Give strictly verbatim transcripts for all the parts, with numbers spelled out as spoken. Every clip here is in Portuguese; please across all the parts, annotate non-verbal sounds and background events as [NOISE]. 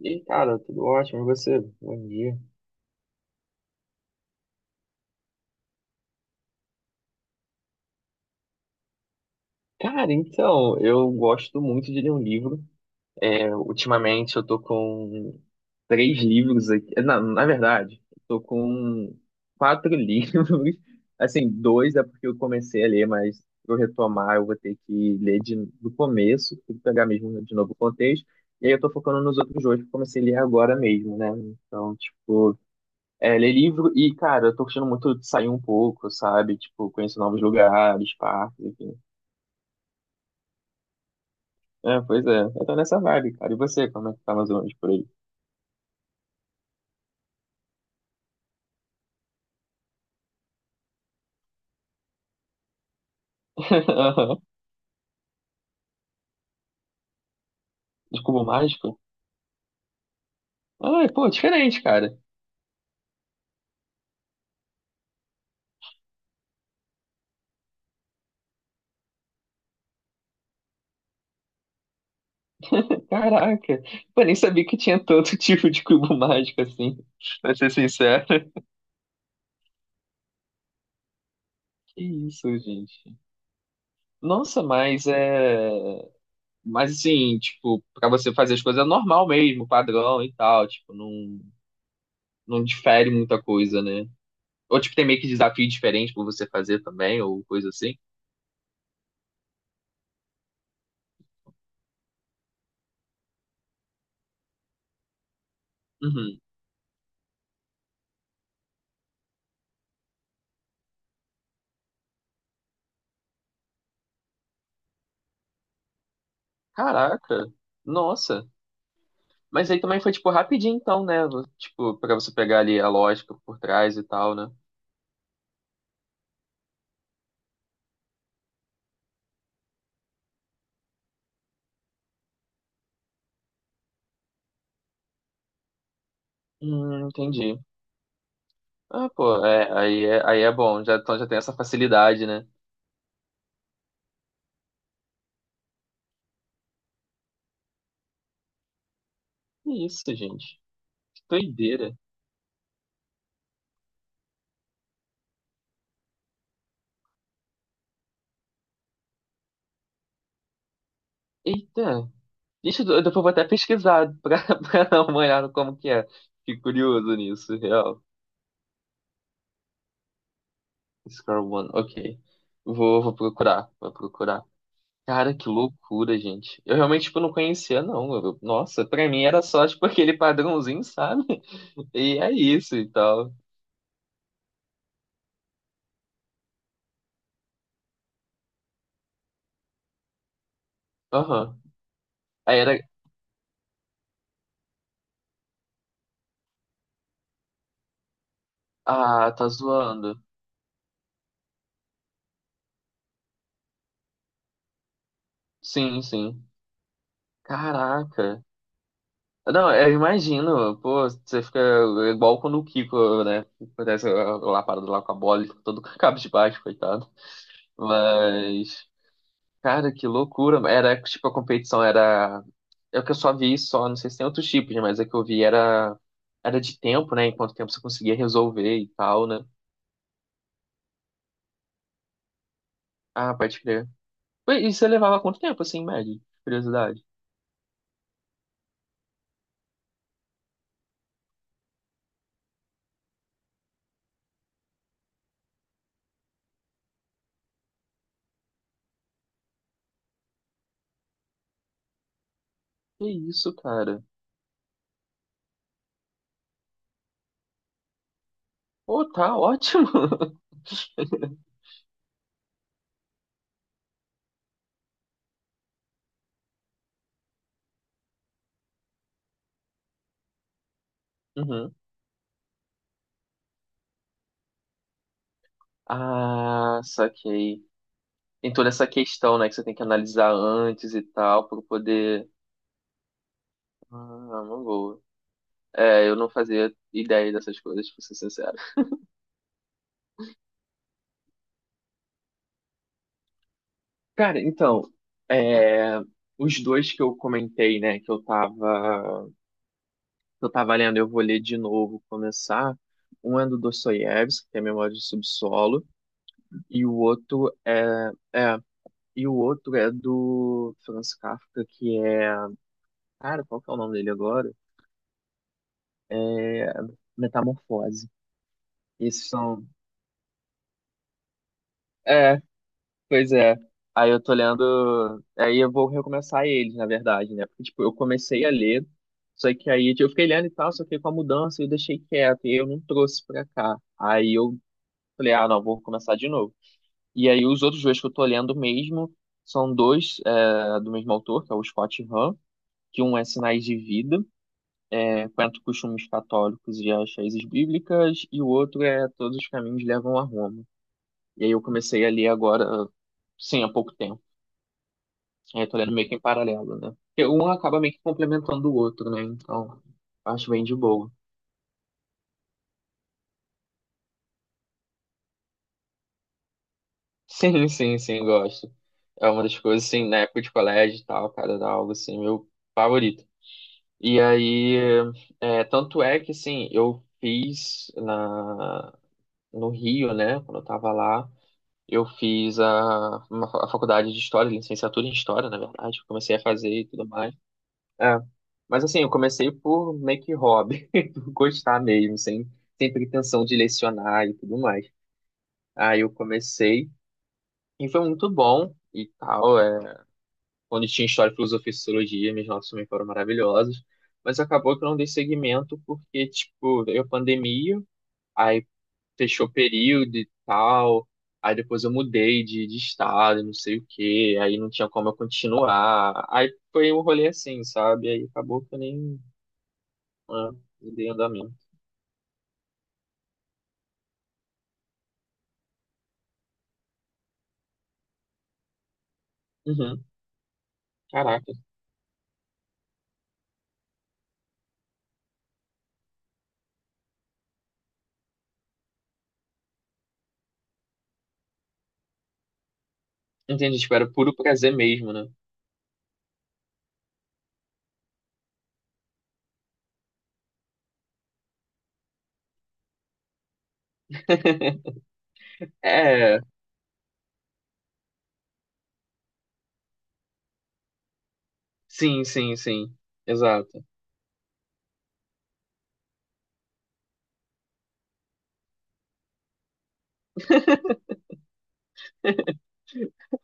E aí, cara, tudo ótimo, e você? Bom dia. Cara, então, eu gosto muito de ler um livro. É, ultimamente eu tô com três livros aqui. É, Na, na verdade, eu tô com quatro [LAUGHS] livros. Assim, dois é porque eu comecei a ler, mas pra eu retomar, eu vou ter que ler de, do começo, tem que pegar mesmo de novo o contexto. E aí eu tô focando nos outros dois que eu comecei a ler agora mesmo, né? Então, tipo. É, ler livro e, cara, eu tô gostando muito de sair um pouco, sabe? Tipo, conhecer novos lugares, parques, enfim. É, pois é, eu tô nessa vibe, cara. E você, como é que tá mais ou menos por aí? [LAUGHS] De cubo mágico? Ai, pô, diferente, cara. Caraca, eu nem sabia que tinha tanto [LAUGHS] tipo de cubo mágico assim, pra ser sincero. Que isso, gente. Nossa, mas é. Mas assim, tipo, pra você fazer as coisas é normal mesmo, padrão e tal, tipo, não, não difere muita coisa, né? Ou tipo, tem meio que desafio diferente pra você fazer também, ou coisa assim? Uhum. Caraca, nossa. Mas aí também foi, tipo, rapidinho então, né? Tipo, pra você pegar ali a lógica por trás e tal, né? Hum, entendi. Ah, pô, é, aí é, aí é bom, já, então já tem essa facilidade, né? Que isso, gente. Que doideira. Eita. Deixa, eu eu depois vou até pesquisar pra, [LAUGHS] pra dar uma olhada como que é. Fiquei curioso nisso, real. Score One, ok. Vou, vou procurar, vou procurar. Cara, que loucura, gente. Eu realmente, tipo, não conhecia, não. Eu- nossa, pra mim era só, tipo, [LAUGHS] aquele padrãozinho, sabe? [LAUGHS] E é isso e tal. Aham. Aí era. Ah, tá zoando. Sim, sim. Caraca. Não, eu imagino. Pô, você fica igual quando o Kiko, né? Acontece lá lapada lá com a bola, ele fica todo [LAUGHS] cabisbaixo, coitado. Mas. Cara, que loucura. Era tipo a competição era. É o que eu só vi só, não sei se tem outros tipos, né? Mas a que eu vi era era de tempo, né? Em quanto tempo você conseguia resolver e tal, né? Ah, pode crer. Ué, e você levava quanto tempo, assim, em média? Curiosidade. Que isso, cara? Pô, tá ótimo. [LAUGHS] Uhum. Ah, saquei. Tem toda essa questão, né, que você tem que analisar antes e tal, pra poder. Ah, uma boa. É, eu não fazia ideia dessas coisas, pra ser sincero. Cara, então, é, os dois que eu comentei, né, que eu tava, que eu tava lendo, eu vou ler de novo, começar. Um é do Dostoiévski, que é Memórias do Subsolo, e o outro é, é, e o outro é do Franz Kafka, que é, cara, qual que é o nome dele agora? É Metamorfose. Esses são, é, pois é. Aí eu tô lendo. Aí eu vou recomeçar eles, na verdade, né? Porque, tipo, eu comecei a ler, só que aí tipo, eu fiquei lendo e tal, só que com a mudança eu deixei quieto, e eu não trouxe pra cá. Aí eu falei, ah, não, vou começar de novo. E aí os outros dois que eu tô lendo mesmo são dois é, do mesmo autor, que é o Scott Hahn, que um é Sinais de Vida, é, Quanto Costumes Católicos e as Raízes Bíblicas, e o outro é Todos os Caminhos Levam a Roma. E aí eu comecei a ler agora, sim, há pouco tempo. É, tô lendo meio que em paralelo, né? Porque um acaba meio que complementando o outro, né? Então, acho bem de boa. [LAUGHS] Sim, sim, sim, gosto. É uma das coisas, assim, na época de colégio e tal, cara, era algo, assim, meu favorito. E aí, é, tanto é que, assim, eu fiz na, no Rio, né, quando eu tava lá, eu fiz a, uma, fa- a faculdade de História, licenciatura em História, na verdade, eu comecei a fazer e tudo mais. É. Mas assim, eu comecei por meio que hobby, [LAUGHS] por gostar mesmo, sem, sem pretensão de lecionar e tudo mais. Aí eu comecei e foi muito bom e tal. É, quando tinha história, filosofia e sociologia, minhas notas também foram maravilhosas. Mas acabou que eu não dei seguimento porque, tipo, veio a pandemia, aí fechou o período e tal. Aí depois eu mudei de, de estado, não sei o quê, aí não tinha como eu continuar. Aí foi um rolê assim, sabe? Aí acabou que eu nem. Ah, dei andamento. Uhum. Caraca. Entendi, tipo, era puro prazer mesmo, né? [LAUGHS] É, sim, sim, sim. Exato.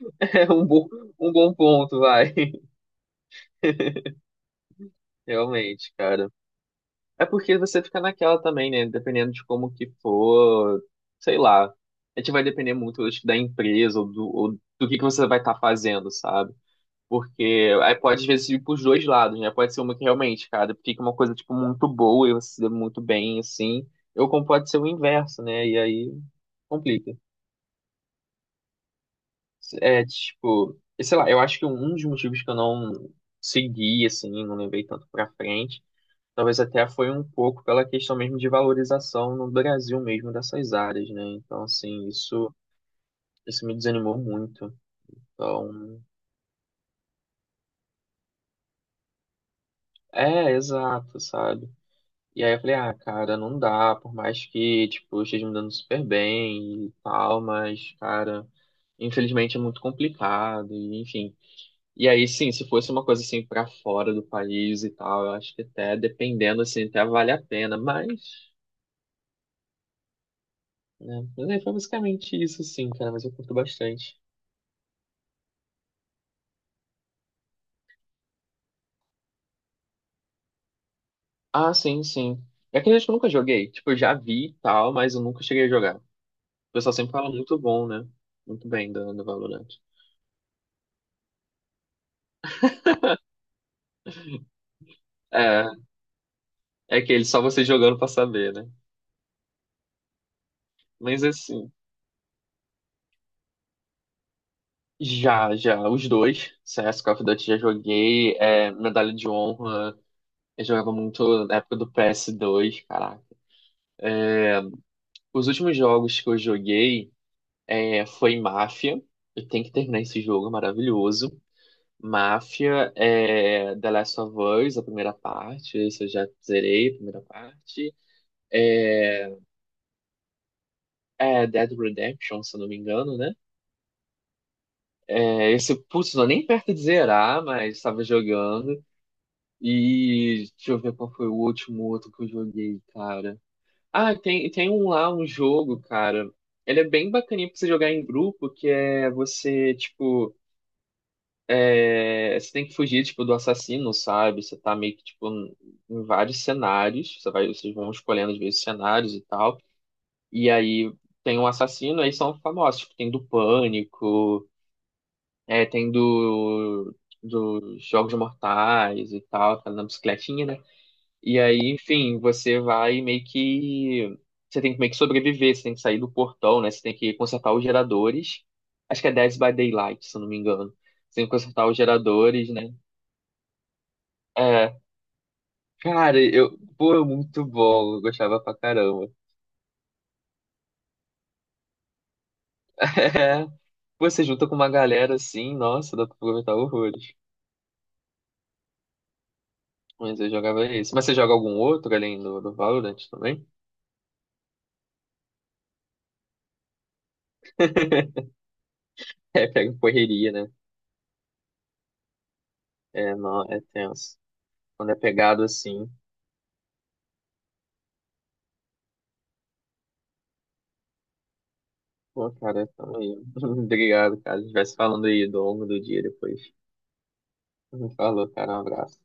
[LAUGHS] É um bom, um bom ponto, vai. [LAUGHS] Realmente, cara. É porque você fica naquela também, né? Dependendo de como que for, sei lá. A gente vai depender muito, acho que, da empresa ou do, ou do que que você vai estar fazendo, sabe? Porque aí pode, às vezes, ir pros dois lados, né? Pode ser uma que realmente, cara, fica uma coisa, tipo, muito boa e você se dá muito bem, assim. Ou como pode ser o inverso, né? E aí complica. É, tipo, e sei lá, eu acho que um dos motivos que eu não segui, assim, não levei tanto pra frente, talvez até foi um pouco pela questão mesmo de valorização no Brasil mesmo dessas áreas, né? Então, assim, isso, isso me desanimou muito. Então, é, exato, sabe? E aí eu falei, ah, cara, não dá, por mais que, tipo, eu esteja me dando super bem e tal, mas, cara, infelizmente é muito complicado, e, enfim. E aí, sim, se fosse uma coisa assim pra fora do país e tal, eu acho que até, dependendo, assim, até vale a pena, mas, né, mas aí foi basicamente isso, sim, cara, mas eu curto bastante. Ah, sim, sim. É que eu nunca joguei, tipo, eu já vi e tal, mas eu nunca cheguei a jogar. O pessoal sempre fala muito bom, né? Muito bem do, do Valorant. É, é que ele só você jogando pra saber, né? Mas assim, já, já, os dois, C S Call of Duty já joguei, é, Medalha de Honra, eu jogava muito na época do P S dois, caraca. Os últimos jogos que eu joguei é, foi Mafia, eu tenho que terminar esse jogo, é maravilhoso. Mafia, é, The Last of Us, a primeira parte, esse eu já zerei, a primeira parte. É, é Dead Redemption, se eu não me engano, né? É, esse, putz, não é nem perto de zerar, mas estava jogando. E deixa eu ver qual foi o último outro que eu joguei, cara. Ah, tem, tem um lá, um jogo, cara. Ele é bem bacaninha pra você jogar em grupo, que é você, tipo, é, você tem que fugir, tipo, do assassino, sabe? Você tá meio que, tipo, em em vários cenários. Você vai, vocês vão escolhendo, às vezes, cenários e tal. E aí tem um assassino, aí são famosos, tipo, tem do Pânico, é, tem do, dos Jogos Mortais e tal, tá na bicicletinha, né? E aí, enfim, você vai meio que. Você tem que meio que sobreviver, você tem que sair do portão, né? Você tem que consertar os geradores. Acho que é Dead by Daylight, se eu não me engano. Você tem que consertar os geradores, né? É. Cara, eu. Pô, é muito bom. Eu gostava pra caramba. [LAUGHS] É. Você junta com uma galera assim, nossa, dá pra aproveitar horrores. Mas eu jogava esse. Mas você joga algum outro além do, do Valorant também? [LAUGHS] É, pega correria, né? É, não, é tenso. Quando é pegado assim. Pô, cara, tamo aí. [LAUGHS] Obrigado, cara. A gente vai se falando aí ao longo do dia depois. Falou, cara. Um abraço.